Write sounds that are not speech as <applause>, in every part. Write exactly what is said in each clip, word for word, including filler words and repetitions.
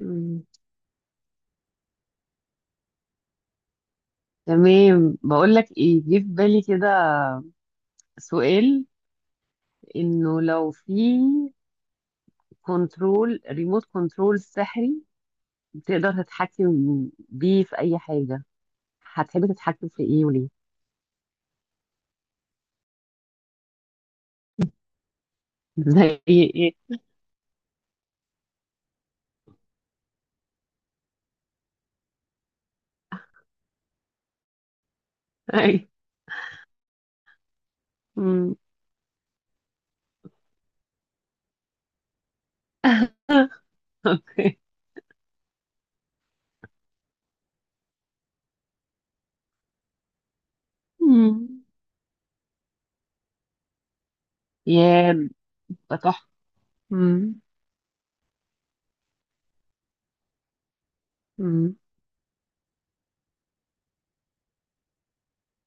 مم. تمام، بقول لك ايه جه في بالي كده. سؤال: انه لو في كنترول ريموت كنترول سحري تقدر تتحكم بيه في اي حاجة، هتحب تتحكم في ايه وليه؟ <laughs> زي ايه؟ اي. مم. <laughs> اوكي. مم. يا ده تحفة. مم. مم.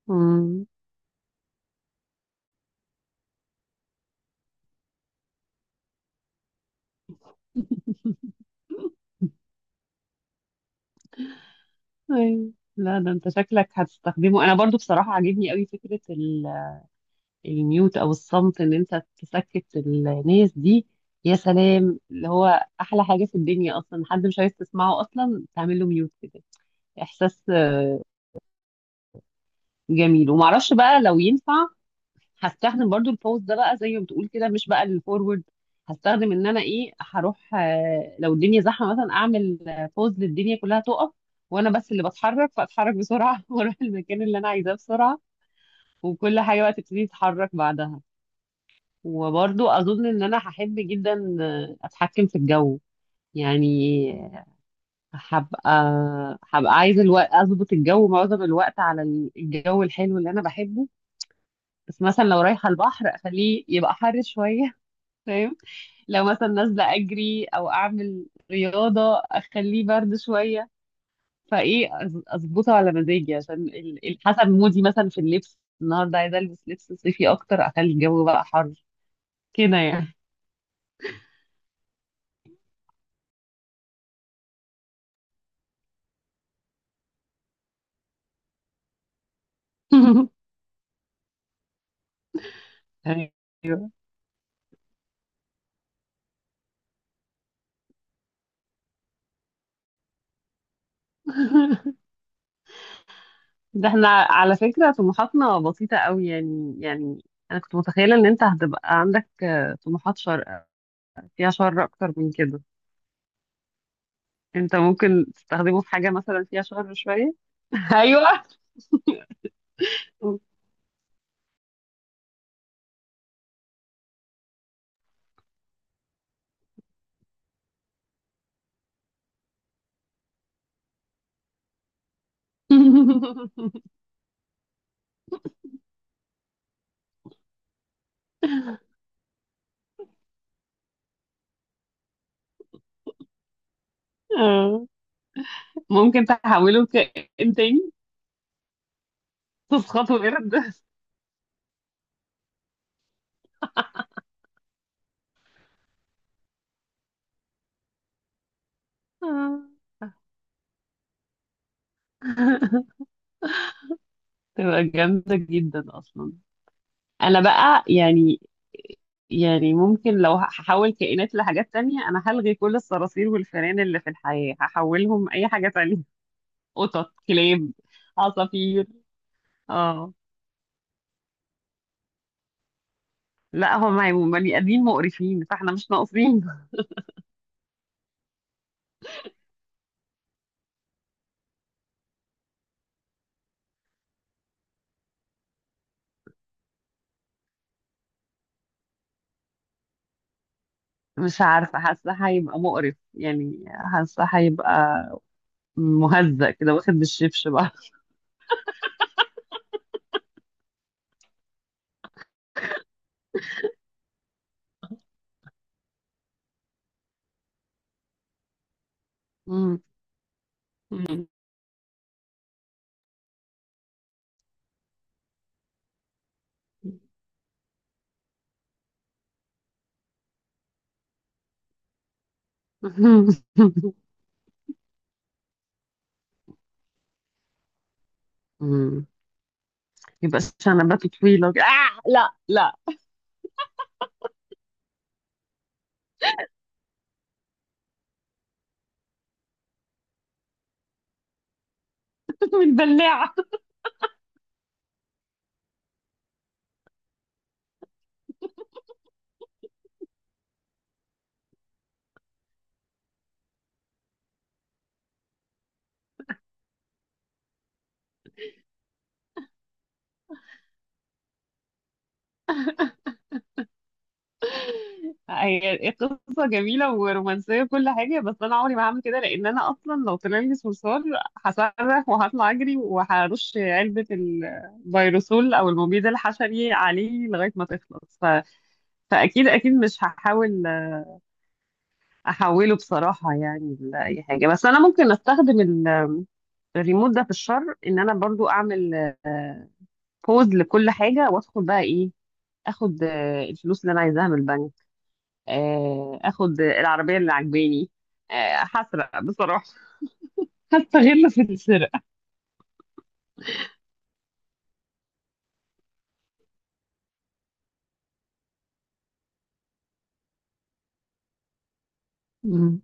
مم. <laughs> أيوة. لا ده انت شكلك هتستخدمه. انا برضو بصراحة عاجبني قوي فكرة الميوت او الصمت، ان انت تسكت الناس دي. يا سلام، اللي هو احلى حاجه في الدنيا اصلا حد مش عايز تسمعه اصلا تعمل له ميوت كده. احساس آه، جميل. ومعرفش بقى لو ينفع هستخدم برضو البوست ده بقى زي ما بتقول كده، مش بقى الفورورد. هستخدم ان انا ايه، هروح آه، لو الدنيا زحمه مثلا اعمل بوست للدنيا كلها تقف، وانا بس اللي بتحرك فاتحرك بسرعه <laughs> واروح المكان اللي انا عايزاه بسرعه، وكل حاجه بقى تبتدي تتحرك بعدها. وبرضو اظن ان انا هحب جدا اتحكم في الجو. يعني هبقى هبقى عايزه الوقت اظبط الجو معظم الوقت على الجو الحلو اللي انا بحبه. بس مثلا لو رايحه البحر اخليه يبقى حر شويه <laughs> فاهم؟ لو مثلا نازله اجري او اعمل رياضه اخليه برد شويه. فايه، أز- اظبطه على مزاجي، عشان ال- ال- حسب مودي، مثلا في اللبس النهارده عايزه البس لبس صيفي اكتر اخلي الجو بقى حر كده يعني. <laughs> ايوه، ده احنا على فكرة طموحاتنا بسيطة قوي يعني يعني. انا كنت متخيلة ان انت هتبقى عندك آه، طموحات شر، فيها شر اكتر من كده. انت ممكن تستخدمه في حاجة مثلا فيها شر شوية. <laughs> ايوه. <laughs> آه. ممكن تحوله كائن تاني. تسخطه قرد. <laughs> آه. <laughs> تبقى جامدة جدا اصلا. انا بقى، يعني يعني ممكن لو هحول كائنات لحاجات تانية أنا هلغي كل الصراصير والفئران اللي في الحياة، هحولهم أي حاجة تانية. <laughs> قطط، كلاب، عصافير. اه. لا، هم هيبقوا بني آدمين مقرفين، فاحنا مش ناقصين. <laughs> مش عارفة، حاسة هيبقى مقرف يعني. حاسة هيبقى مهزأ كده واخد بالشبش بقى. مم. <laughs> مم. يبقى شنباته طويلة كده. آه لا لا. <laughs> متبلعة. هي قصة جميلة ورومانسية وكل حاجة، بس أنا عمري ما هعمل كده لأن أنا أصلا لو طلع لي صرصار هصرخ وهطلع أجري وهرش علبة الفيروسول أو المبيد الحشري عليه لغاية ما تخلص ف... فأكيد أكيد مش هحاول أحوله بصراحة يعني لأي حاجة. بس أنا ممكن أستخدم ال- الريموت ده في الشر، إن أنا برضو أعمل بوز لكل حاجة وأدخل بقى إيه، أخد آه، الفلوس اللي أنا عايزاها من البنك، آه، اخد العربيه اللي عجباني، آه، هسرق بصراحه. <laughs> هستغل في السرقه. مم.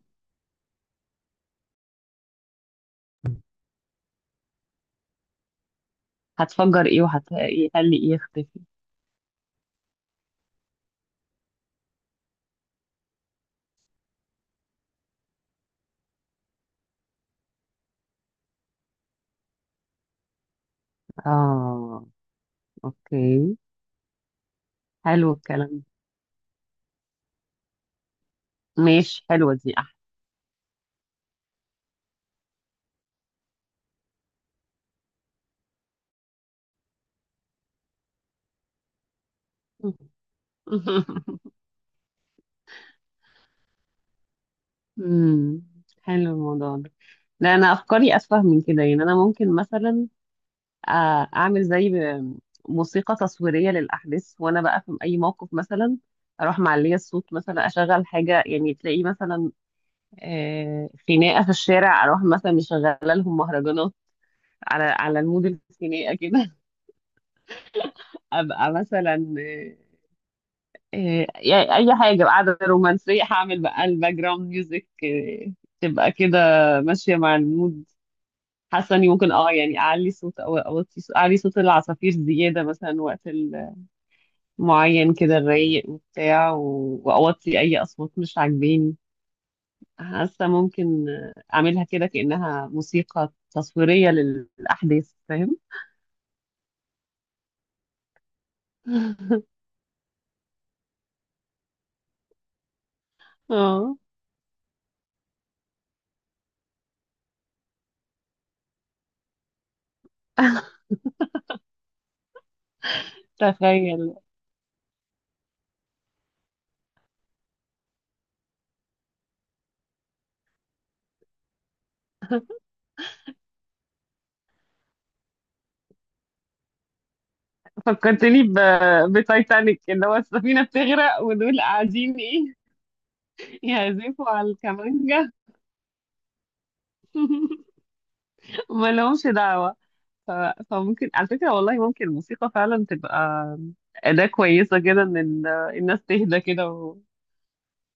هتفجر ايه وهتخلي ايه يختفي؟ اه. اوكي. حلو الكلام ده. ماشي، حلوه دي احسن. <laughs> مم. حلو الموضوع ده. لا انا افكاري اسفه من كده يعني. انا ممكن مثلا آه، اعمل زي ب- موسيقى تصويريه للاحداث وانا بقى في اي موقف، مثلا اروح معليه الصوت، مثلا اشغل حاجه يعني. تلاقي مثلا آه، خناقه في الشارع اروح مثلا مشغله لهم مهرجانات على على المود الخناقه كده. <laughs> ابقى مثلا آه، آه، يعني اي حاجه قاعده رومانسيه هعمل بقى الباك جراوند ميوزك، آه، تبقى كده ماشيه مع المود. حاسه اني ممكن اه يعني اعلي صوت او اوطي صوت، اعلي صوت العصافير زياده مثلا وقت ال- معين كده الرايق وبتاع، و- واوطي اي اصوات مش عاجباني. حاسة ممكن أعملها كده كأنها موسيقى تصويرية للأحداث. فاهم؟ <laughs> اه. تخيل. فكرتني ب... بتايتانيك، اللي هو السفينة بتغرق ودول قاعدين ايه، يعزفوا على الكمانجة. <laughs> وما لهمش دعوة. ف... فممكن على فكرة والله ممكن الموسيقى فعلا تبقى أداة كويسة كده إن ال- الناس تهدى كده و...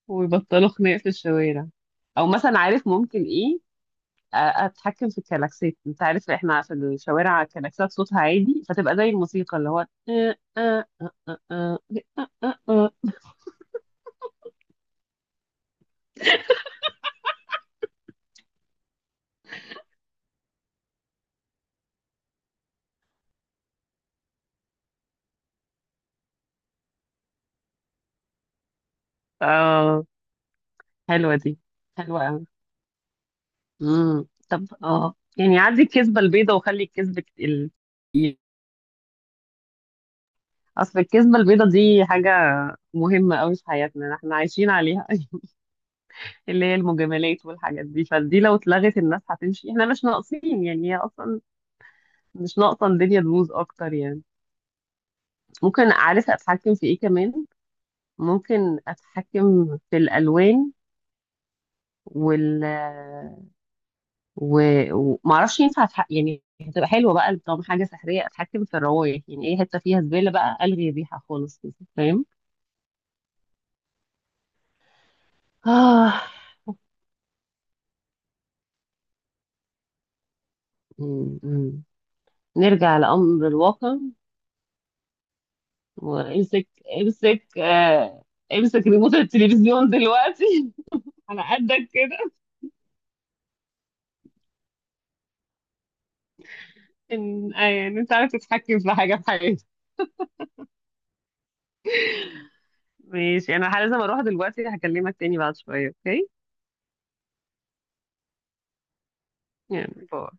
ويبطلوا خناق في الشوارع. أو مثلا عارف ممكن ايه، اتحكم في الكلاكسات. انت عارف احنا في الشوارع الكلاكسات صوتها عادي، فتبقى زي الموسيقى اللي هو. <laughs> اه. حلوه دي، حلوه قوي. امم طب اه يعني عدي الكذبه البيضه وخلي الكذب الك- ال... اصل الكذبه البيضه دي حاجه مهمه قوي في حياتنا، احنا عايشين عليها. <laughs> اللي هي المجاملات والحاجات دي، فدي لو اتلغت الناس هتمشي، احنا مش ناقصين يعني. هي اصلا مش ناقصه الدنيا تبوظ اكتر يعني. ممكن عارفه اتحكم في ايه كمان؟ ممكن اتحكم في الالوان وال و... ومعرفش ينفع أتح... يعني هتبقى حلوه بقى طالما حاجه سحريه، اتحكم في الروايح. يعني ايه حته فيها زباله بقى الغي الريحه خالص كده. فاهم؟ آه. م- م. نرجع لامر الواقع. وامسك امسك آه... امسك ريموت التلفزيون دلوقتي. <laughs> على قدك كده. ان آه، يعني انت عارف تتحكم في حاجه في حياتك. ماشي، انا لازم اروح دلوقتي، هكلمك تاني بعد شويه. اوكي؟ يعني باي.